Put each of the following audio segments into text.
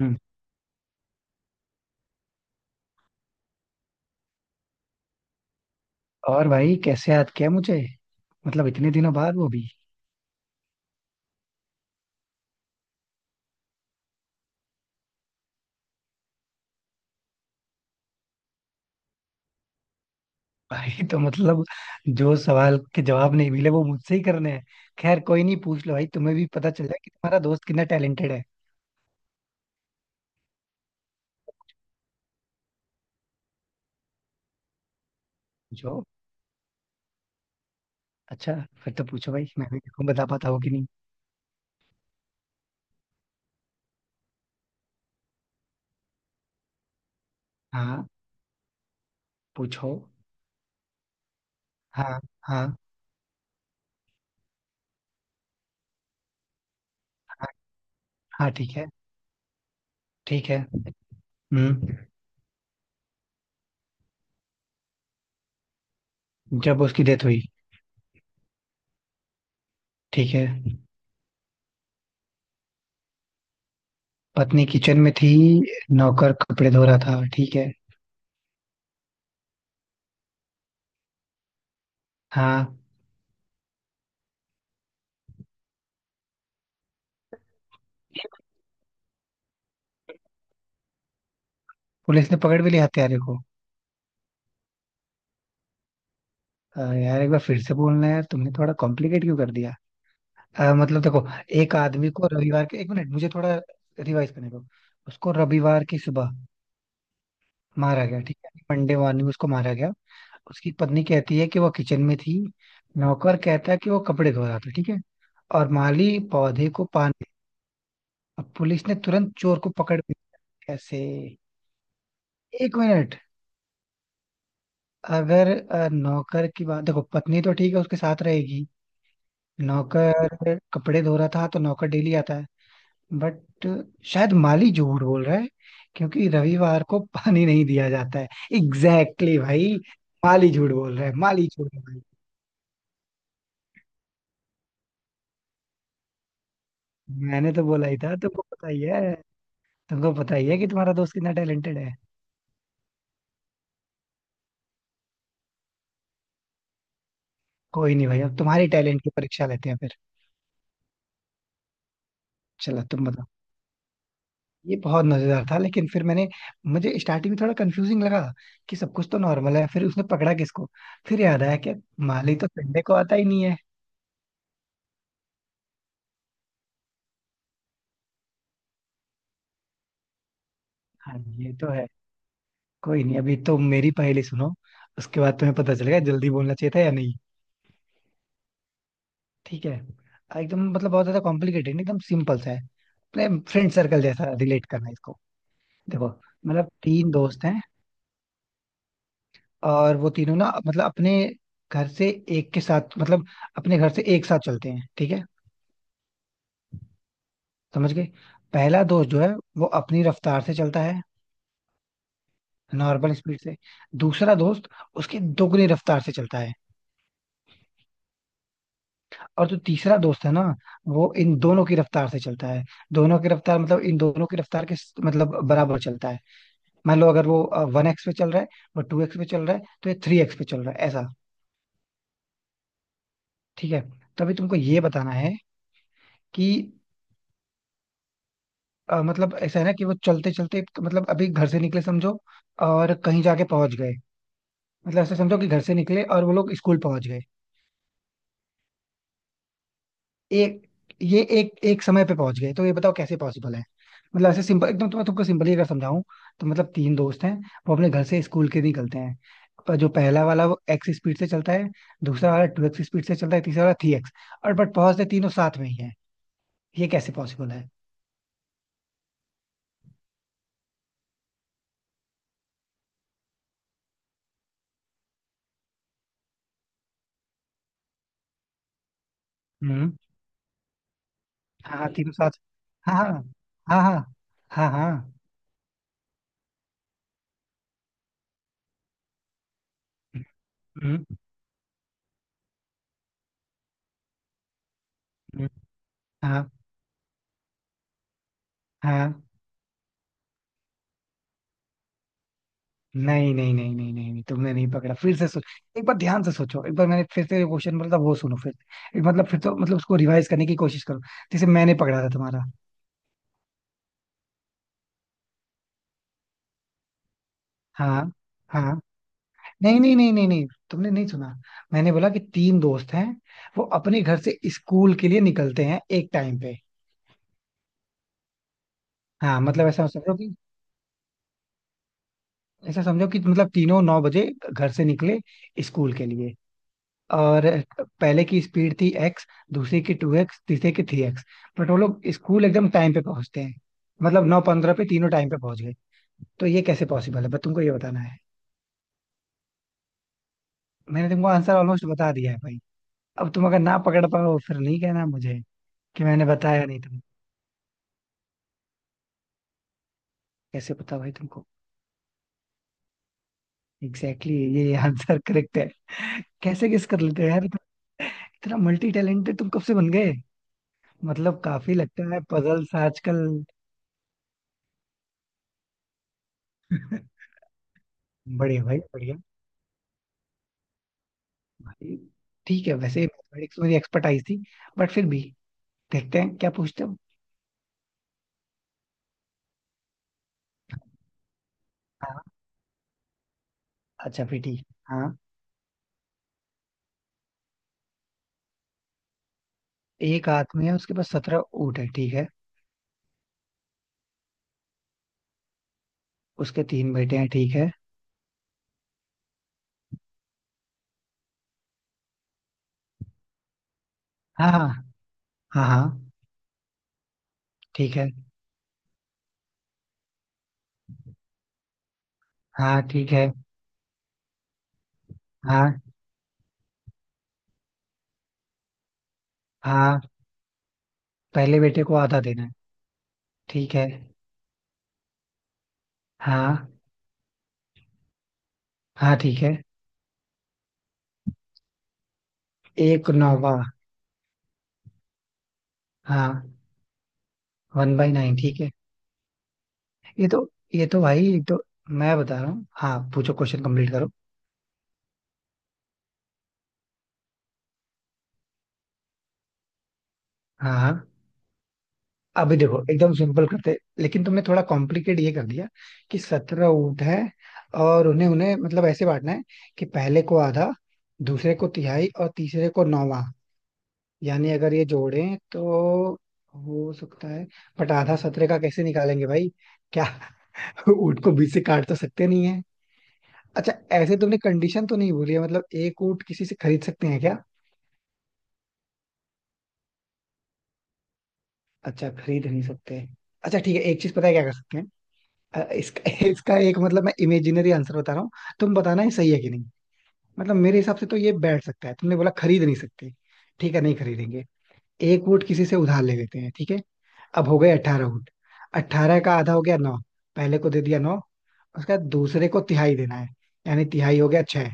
हम्म। और भाई कैसे याद किया मुझे? मतलब इतने दिनों बाद, वो भी। भाई तो मतलब जो सवाल के जवाब नहीं मिले वो मुझसे ही करने हैं। खैर कोई नहीं, पूछ लो भाई, तुम्हें भी पता चल जाए कि तुम्हारा दोस्त कितना टैलेंटेड है। जो, अच्छा, फिर तो पूछो भाई, मैं भी देखूं बता पाता हूँ कि नहीं। हाँ पूछो। हाँ हाँ हाँ। ठीक है। ठीक है। हम्म। जब उसकी डेथ हुई। ठीक है। पत्नी किचन में थी, नौकर कपड़े धो रहा था, ठीक है। हाँ। पुलिस ने पकड़ भी लिया हत्यारे को। यार एक बार फिर से बोलना है यार, तुमने थोड़ा कॉम्प्लिकेट क्यों कर दिया? मतलब देखो, एक आदमी को रविवार के, एक मिनट मुझे थोड़ा रिवाइज करने दो। उसको रविवार की सुबह मारा गया, ठीक है। मंडे मॉर्निंग उसको मारा गया। उसकी पत्नी कहती है कि वो किचन में थी, नौकर कहता है कि वो कपड़े धो रहा था, ठीक है। और माली पौधे को पानी। अब पुलिस ने तुरंत चोर को पकड़ भी लिया। कैसे? एक मिनट। अगर नौकर की बात देखो, पत्नी तो ठीक है उसके साथ रहेगी, नौकर कपड़े धो रहा था तो नौकर डेली आता है। बट शायद माली झूठ बोल रहा है क्योंकि रविवार को पानी नहीं दिया जाता है। एग्जैक्टली exactly भाई। माली झूठ बोल रहा है, माली झूठ बोल रहा है। मैंने तो बोला ही था, तुमको पता ही है, तुमको पता ही है कि तुम्हारा दोस्त कितना टैलेंटेड है। कोई नहीं भाई, अब तुम्हारे टैलेंट की परीक्षा लेते हैं फिर। चलो तुम बताओ। ये बहुत मजेदार था, लेकिन फिर मैंने, मुझे स्टार्टिंग में थोड़ा कंफ्यूजिंग लगा कि सब कुछ तो नॉर्मल है, फिर उसने पकड़ा किसको। फिर याद आया कि माली तो संडे को आता ही नहीं है। हाँ ये तो है। कोई नहीं, अभी तो मेरी पहेली सुनो, उसके बाद तुम्हें पता चलेगा जल्दी बोलना चाहिए था या नहीं। ठीक है, एकदम मतलब बहुत ज्यादा कॉम्प्लिकेटेड नहीं, एकदम सिंपल सा है, अपने फ्रेंड सर्कल जैसा रिलेट करना है इसको। देखो मतलब तीन दोस्त हैं, और वो तीनों ना मतलब अपने घर से एक के साथ, मतलब अपने घर से एक साथ चलते हैं, ठीक है। समझ गए? पहला दोस्त जो है वो अपनी रफ्तार से चलता है, नॉर्मल स्पीड से। दूसरा दोस्त उसकी दोगुनी रफ्तार से चलता है। और जो तीसरा दोस्त है ना, वो इन दोनों की रफ्तार से चलता है, दोनों की रफ्तार मतलब इन दोनों की रफ्तार के मतलब बराबर चलता है। मान लो अगर वो वन एक्स पे चल रहा है, वो टू एक्स पे चल रहा है तो ये थ्री एक्स पे चल रहा है ऐसा, ठीक है। तो अभी तुमको ये बताना है कि मतलब ऐसा है ना कि वो चलते चलते, तो मतलब अभी घर से निकले समझो और कहीं जाके पहुंच गए। मतलब ऐसा समझो कि घर से निकले और वो लोग स्कूल पहुंच गए एक, ये एक एक समय पे पहुंच गए, तो ये बताओ कैसे पॉसिबल है। मतलब ऐसे सिंपल एकदम, तुम्हें तुमको सिंपली अगर समझाऊं तो मतलब तीन दोस्त हैं, वो अपने घर से स्कूल के निकलते हैं, पर जो पहला वाला वो एक्स स्पीड से चलता है, दूसरा वाला टू एक्स स्पीड से चलता है, तीसरा वाला थ्री एक्स। और बट पहुंचते तीनों साथ में ही है। ये कैसे पॉसिबल है? हम्म। हाँ हाँ तीनों साथ। हाँ हाँ हाँ हाँ हाँ हाँ। हम्म। हम्म। हाँ हाँ। नहीं नहीं नहीं नहीं नहीं नहीं, तुमने नहीं पकड़ा, फिर से सोच। एक बार ध्यान से सोचो, एक बार मैंने फिर से क्वेश्चन बोला था, वो सुनो फिर से। एक मतलब फिर तो मतलब उसको रिवाइज करने की कोशिश करो जैसे मैंने पकड़ा था तुम्हारा। हाँ हाँ। नहीं नहीं नहीं नहीं नहीं, तुमने नहीं सुना। मैंने बोला कि तीन दोस्त हैं, वो अपने घर से स्कूल के लिए निकलते हैं एक टाइम पे। हाँ मतलब ऐसा समझो कि, ऐसा समझो कि मतलब तीनों नौ बजे घर से निकले स्कूल के लिए। और पहले की स्पीड थी एक्स, दूसरे की टू एक्स, तीसरे की थ्री एक्स। बट वो लोग स्कूल एकदम टाइम पे पहुंचते हैं, मतलब नौ पंद्रह पे तीनों टाइम पे पहुंच गए। तो ये कैसे पॉसिबल है, बस तुमको ये बताना है। मैंने तुमको आंसर ऑलमोस्ट बता दिया है भाई, अब तुम अगर ना पकड़ पाओ फिर नहीं कहना मुझे कि मैंने बताया नहीं तुम। कैसे पता भाई तुमको? एग्जैक्टली exactly, ये आंसर करेक्ट है। कैसे गेस कर लेते हो यार तुम? इतना मल्टी टैलेंटेड तुम कब से बन गए? मतलब काफी लगता है पजल्स आजकल। बढ़िया भाई बढ़िया। भाई, ठीक है, वैसे मैथमेटिक्स मेरी एक्सपर्टाइज थी बट फिर भी देखते हैं क्या पूछते हो। हाँ अच्छा फिर ठीक है। हाँ। एक आदमी है, उसके पास सत्रह ऊँट है, ठीक है। उसके तीन बेटे हैं, ठीक है। हाँ हाँ। हाँ हाँ ठीक है। हाँ ठीक है। हाँ हाँ। पहले बेटे को आधा देना है। ठीक है। हाँ। हाँ ठीक है। एक नौवा। हाँ। वन बाई नाइन, ठीक है। ये तो, ये तो भाई, ये तो मैं बता रहा हूँ। हाँ पूछो, क्वेश्चन कंप्लीट करो। हाँ हाँ। अभी देखो, एकदम सिंपल करते लेकिन तुमने थोड़ा कॉम्प्लिकेट ये कर दिया कि सत्रह ऊँट है और उन्हें उन्हें मतलब ऐसे बांटना है कि पहले को आधा, दूसरे को तिहाई और तीसरे को नौवां। यानी अगर ये जोड़ें तो हो सकता है, बट आधा सत्रह का कैसे निकालेंगे भाई? क्या? ऊँट को बीच से काट तो सकते नहीं है। अच्छा ऐसे तुमने कंडीशन तो नहीं बोली है, मतलब एक ऊँट किसी से खरीद सकते हैं क्या? अच्छा खरीद नहीं सकते। अच्छा ठीक है, एक चीज पता है क्या कर सकते हैं? इसका इसका, एक मतलब मैं इमेजिनरी आंसर बता रहा हूँ, तुम बताना ये सही है कि नहीं। मतलब मेरे हिसाब से तो ये बैठ सकता है, तुमने बोला खरीद नहीं सकते, ठीक है नहीं खरीदेंगे, एक वोट किसी से उधार ले लेते हैं, ठीक है। अब हो गए अठारह वोट, अठारह का आधा हो गया नौ, पहले को दे दिया नौ। उसके बाद दूसरे को तिहाई देना है, यानी तिहाई हो गया छह।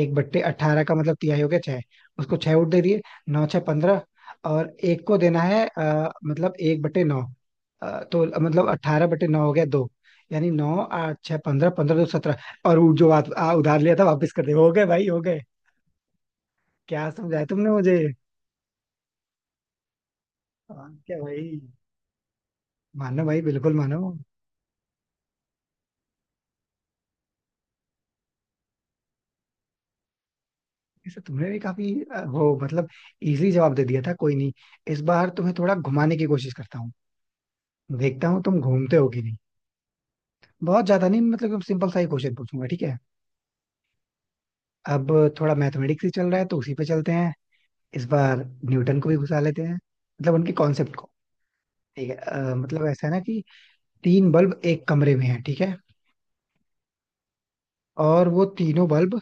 एक बट्टे अट्ठारह का मतलब तिहाई हो गया छह, उसको छह वोट दे दिए। नौ छह पंद्रह। और एक को देना है मतलब एक बट्टे नौ, तो मतलब अट्ठारह बटे नौ हो गया दो, यानी नौ आठ छह पंद्रह, पंद्रह दो सत्रह। और वो जो आ, आ, उधार लिया था वापस कर दे, हो गए भाई, हो गए। क्या समझाया तुमने मुझे? हाँ, क्या भाई? मानो भाई बिल्कुल मानो। इसे तुमने भी काफी वो मतलब इजी जवाब दे दिया था, कोई नहीं, इस बार तुम्हें थोड़ा घुमाने की कोशिश करता हूँ, देखता हूँ तुम घूमते हो कि नहीं। बहुत ज्यादा नहीं, मतलब सिंपल सा ही क्वेश्चन पूछूंगा, ठीक है। अब थोड़ा मैथमेटिक्स ही चल रहा है तो उसी पे चलते हैं इस बार, न्यूटन को भी घुसा लेते हैं, मतलब उनके कॉन्सेप्ट को। ठीक है, मतलब ऐसा है ना कि तीन बल्ब एक कमरे में है, ठीक है। और वो तीनों बल्ब,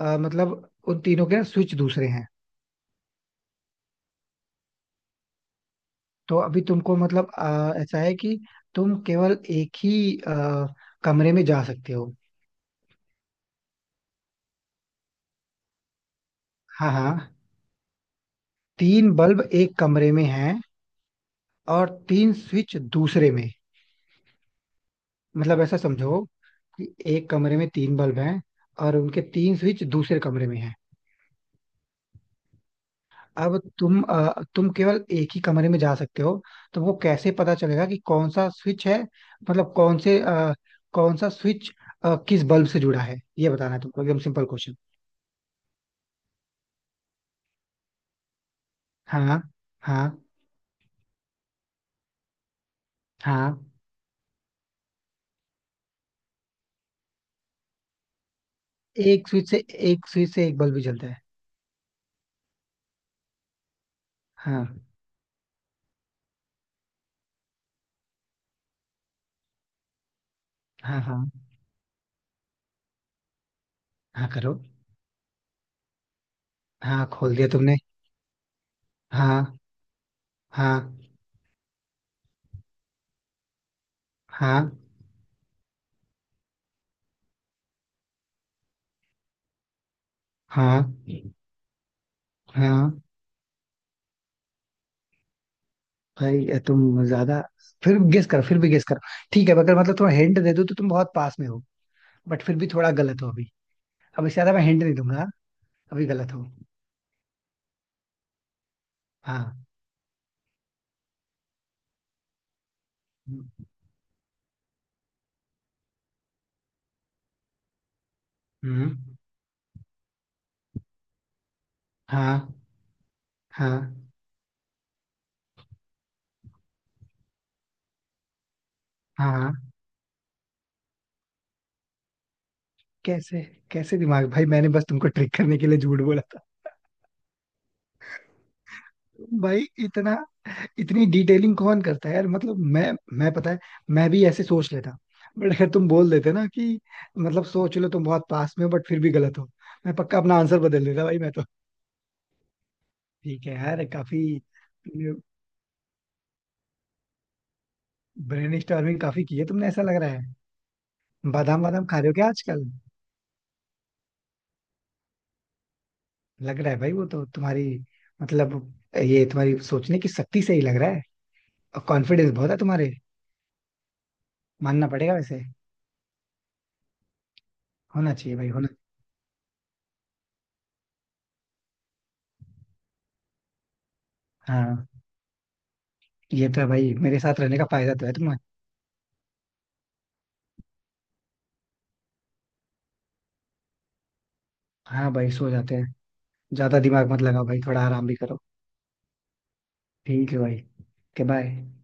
मतलब उन तीनों के ना स्विच दूसरे हैं। तो अभी तुमको मतलब, ऐसा है कि तुम केवल एक ही, कमरे में जा सकते हो। हाँ हाँ। तीन बल्ब एक कमरे में हैं और तीन स्विच दूसरे में, मतलब ऐसा समझो कि एक कमरे में तीन बल्ब हैं और उनके तीन स्विच दूसरे कमरे में हैं। अब तुम, तुम केवल एक ही कमरे में जा सकते हो, तो वो कैसे पता चलेगा कि कौन सा स्विच है, मतलब कौन से, कौन सा स्विच, किस बल्ब से जुड़ा है, ये बताना है तुमको, एकदम सिंपल क्वेश्चन। हाँ हाँ। हाँ। एक स्विच से एक स्विच से एक बल्ब भी जलता है। हाँ। हाँ हाँ। हाँ करो। हाँ खोल दिया तुमने। हाँ हाँ हाँ हाँ हाँ। भाई ये तुम ज्यादा, फिर गेस करो, फिर भी गेस करो, ठीक है अगर मतलब तुम्हें हिंट दे दूं तो तुम बहुत पास में हो, बट फिर भी थोड़ा गलत हो अभी। अब इससे ज्यादा मैं हिंट नहीं दूंगा। अभी गलत हो। हाँ। हम्म। हाँ हाँ हाँ। कैसे? कैसे दिमाग भाई! मैंने बस तुमको ट्रिक करने के लिए झूठ बोला था। भाई इतना, इतनी डिटेलिंग कौन करता है यार, मतलब मैं पता है, मैं भी ऐसे सोच लेता, बट अगर तुम बोल देते ना कि मतलब सोच लो तुम बहुत पास में हो बट फिर भी गलत हो, मैं पक्का अपना आंसर बदल देता भाई मैं तो। ठीक है यार, काफी ब्रेनस्टॉर्मिंग काफी की है तुमने ऐसा लग रहा है। बादाम वादाम खा रहे हो क्या आजकल? लग रहा है भाई, वो तो तुम्हारी मतलब, ये तुम्हारी सोचने की शक्ति से ही लग रहा है, और कॉन्फिडेंस बहुत है तुम्हारे, मानना पड़ेगा वैसे। होना चाहिए भाई होना। हाँ ये तो है भाई, मेरे साथ रहने का फायदा तो है तुम्हें। हाँ भाई सो जाते हैं। ज्यादा दिमाग मत लगाओ भाई, थोड़ा आराम भी करो। ठीक है भाई। के बाय।